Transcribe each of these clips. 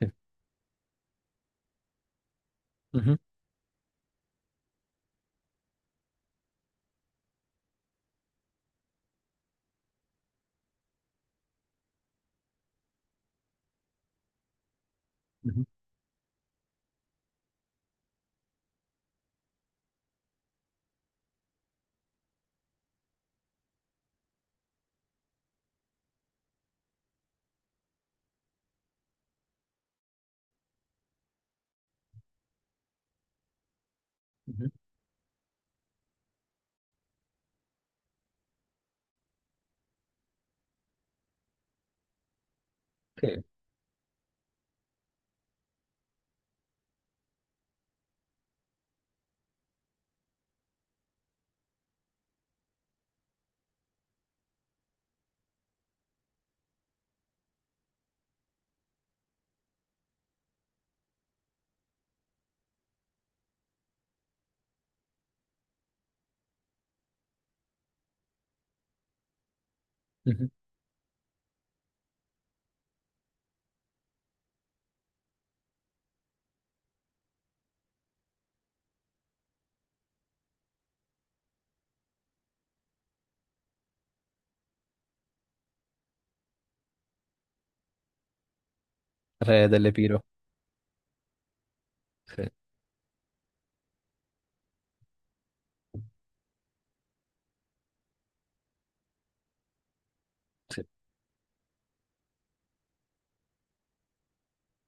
Sì. Mhm, mhm, mhm. Sì. Mhm. Re dell'Epiro. Sì, sì.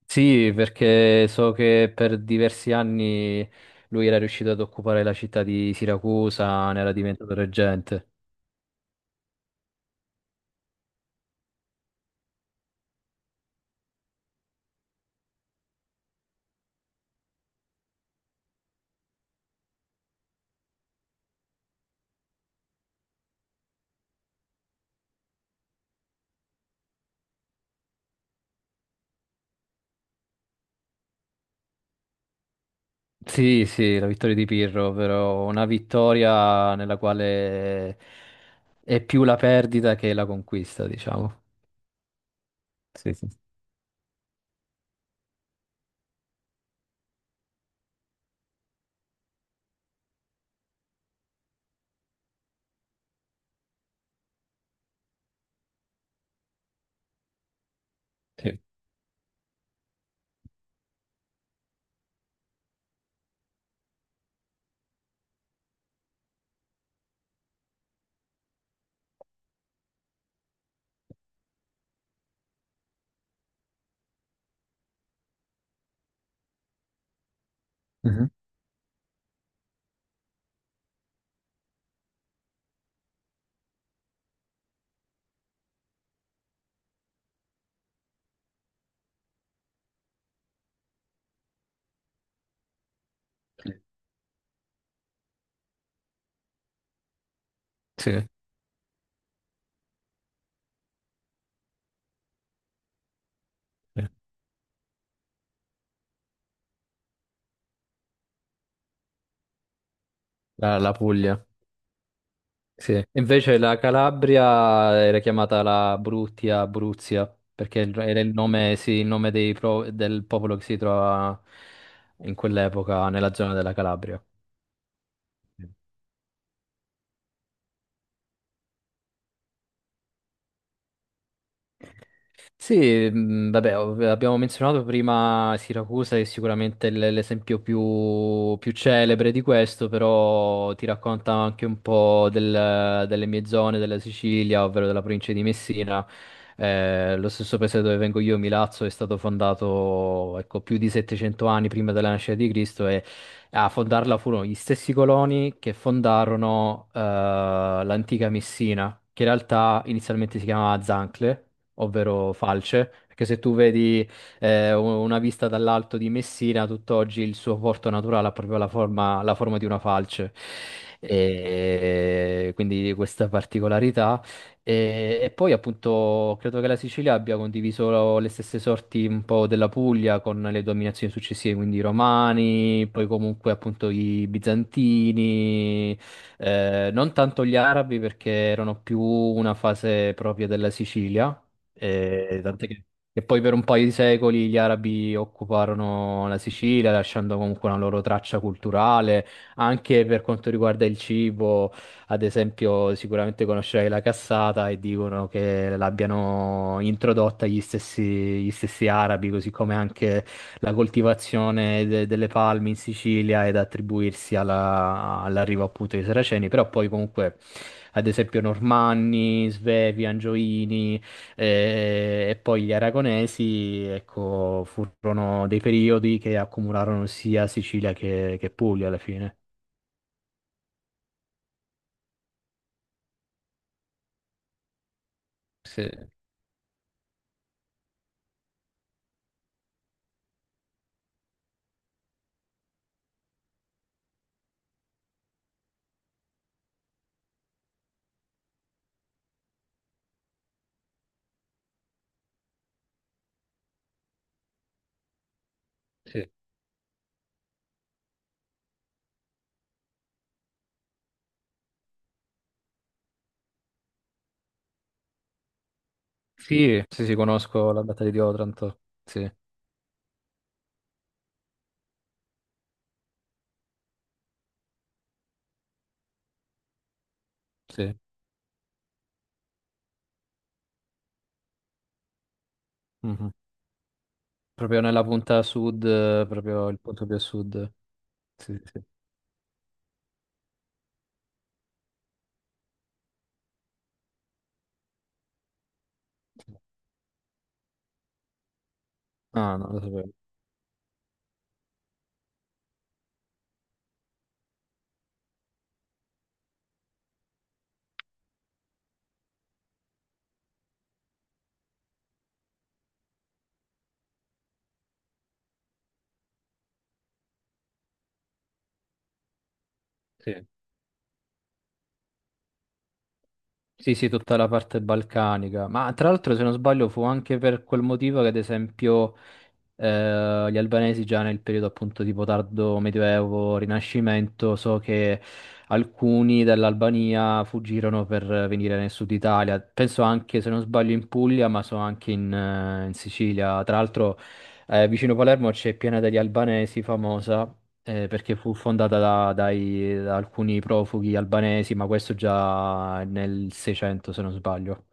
Sì, perché so che per diversi anni lui era riuscito ad occupare la città di Siracusa, ne era diventato reggente. Sì, sì, la vittoria di Pirro, però una vittoria nella quale è più la perdita che la conquista, diciamo. Sì, sì. Sì. Mhm. Sì, sì, la, la Puglia. Sì. Invece la Calabria era chiamata la Brutia, Abruzia, perché era il nome, sì, il nome del popolo che si trova in quell'epoca nella zona della Calabria. Sì, vabbè, abbiamo menzionato prima Siracusa, che è sicuramente l'esempio più, più celebre di questo, però ti racconta anche un po' delle mie zone della Sicilia, ovvero della provincia di Messina. Lo stesso paese dove vengo io, Milazzo, è stato fondato, ecco, più di 700 anni prima della nascita di Cristo, e a fondarla furono gli stessi coloni che fondarono l'antica Messina, che in realtà inizialmente si chiamava Zancle, ovvero falce, perché se tu vedi una vista dall'alto di Messina, tutt'oggi il suo porto naturale ha proprio la forma di una falce. E quindi questa particolarità. E poi appunto credo che la Sicilia abbia condiviso le stesse sorti un po' della Puglia con le dominazioni successive, quindi i Romani, poi comunque appunto i Bizantini, non tanto gli Arabi perché erano più una fase propria della Sicilia, e tant'è che poi per un paio di secoli gli arabi occuparono la Sicilia, lasciando comunque una loro traccia culturale, anche per quanto riguarda il cibo. Ad esempio, sicuramente conoscerai la cassata e dicono che l'abbiano introdotta gli stessi arabi, così come anche la coltivazione delle palme in Sicilia ed attribuirsi all'arrivo appunto dei Saraceni, però poi comunque ad esempio Normanni, Svevi, Angioini, poi gli aragonesi, ecco, furono dei periodi che accumularono sia Sicilia che Puglia alla fine. Sì, sì. Sì, sì, sì, conosco la battaglia di Otranto. Sì, sì. Mhm. Proprio nella punta sud, proprio il punto più a sud. Sì, sì. Sì. Ah, non lo sapevo. Sì. Sì, sì, tutta la parte balcanica, ma tra l'altro se non sbaglio fu anche per quel motivo che ad esempio gli albanesi già nel periodo appunto tipo tardo Medioevo, Rinascimento, so che alcuni dell'Albania fuggirono per venire nel sud Italia, penso anche se non sbaglio in Puglia, ma so anche in, in Sicilia, tra l'altro vicino Palermo c'è Piana degli Albanesi famosa, perché fu fondata da, da alcuni profughi albanesi, ma questo già nel 600, se non sbaglio.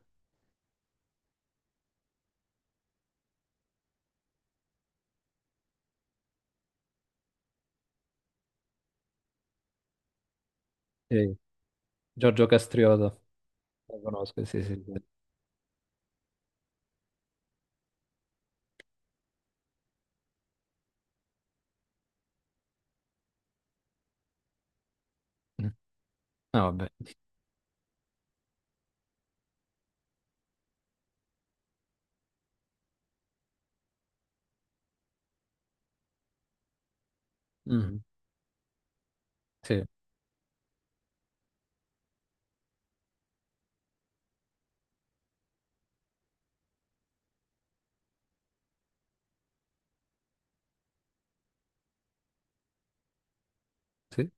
Sì, Giorgio Castriota, lo conosco, sì, sì. Sì. Mm. Ah, vabbè. Mm. Sì. Sì?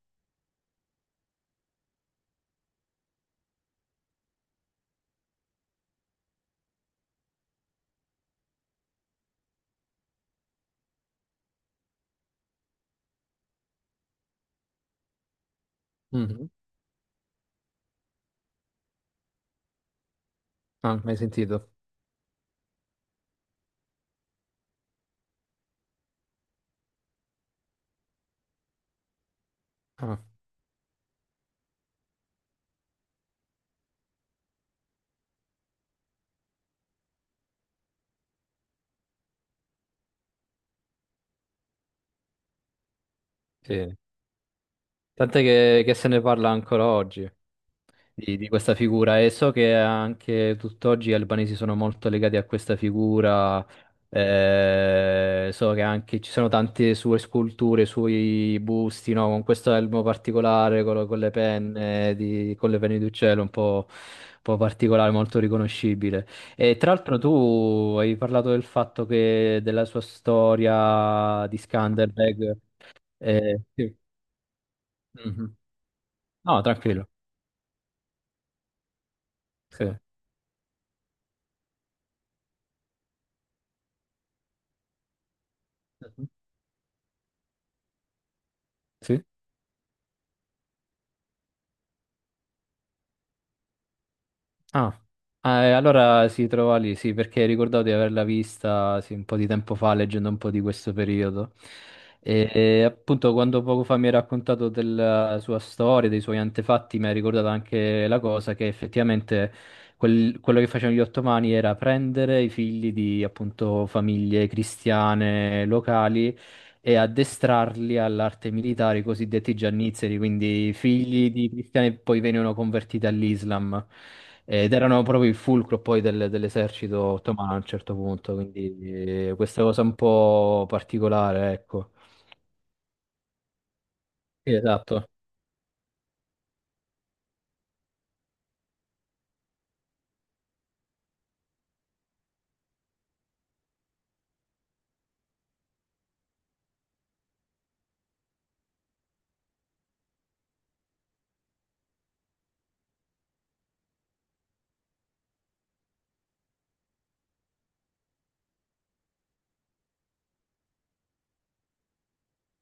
Mhm. Ah, mai sentito? Ah, sì. Tant'è che se ne parla ancora oggi, di questa figura, e so che anche tutt'oggi gli albanesi sono molto legati a questa figura. So che anche ci sono tante sue sculture, suoi busti, no? Con questo elmo particolare, con, con le penne di, con le penne di uccello, un po' particolare, molto riconoscibile. E tra l'altro tu hai parlato del fatto che della sua storia di Skanderbeg. Sì. Mhm. No, tranquillo. Sì. Sì. Ah. Ah, e allora si trova lì, sì, perché ricordavo di averla vista sì, un po' di tempo fa, leggendo un po' di questo periodo. E, appunto, quando poco fa mi hai raccontato della sua storia, dei suoi antefatti, mi hai ricordato anche la cosa che effettivamente quello che facevano gli ottomani era prendere i figli di appunto famiglie cristiane locali e addestrarli all'arte militare, i cosiddetti giannizzeri, quindi figli di cristiani che poi venivano convertiti all'Islam ed erano proprio il fulcro poi dell'esercito ottomano a un certo punto, quindi questa cosa un po' particolare, ecco. Sì, esatto.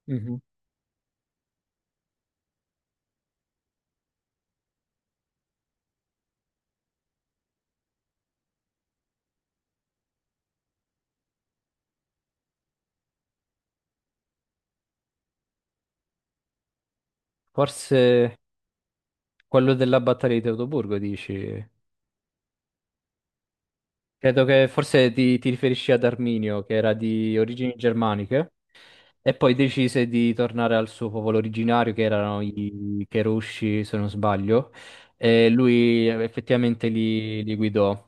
Mhm. Forse quello della battaglia di Teutoburgo, dici? Credo che forse ti, ti riferisci ad Arminio, che era di origini germaniche. E poi decise di tornare al suo popolo originario, che erano i Cherusci, se non sbaglio, e lui effettivamente li, li guidò.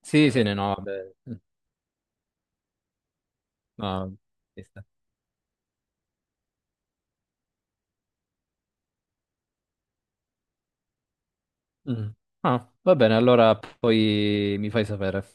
Sì, sì, no, no, vabbè. No, ci sta. Mm. Ah, va bene, allora poi mi fai sapere.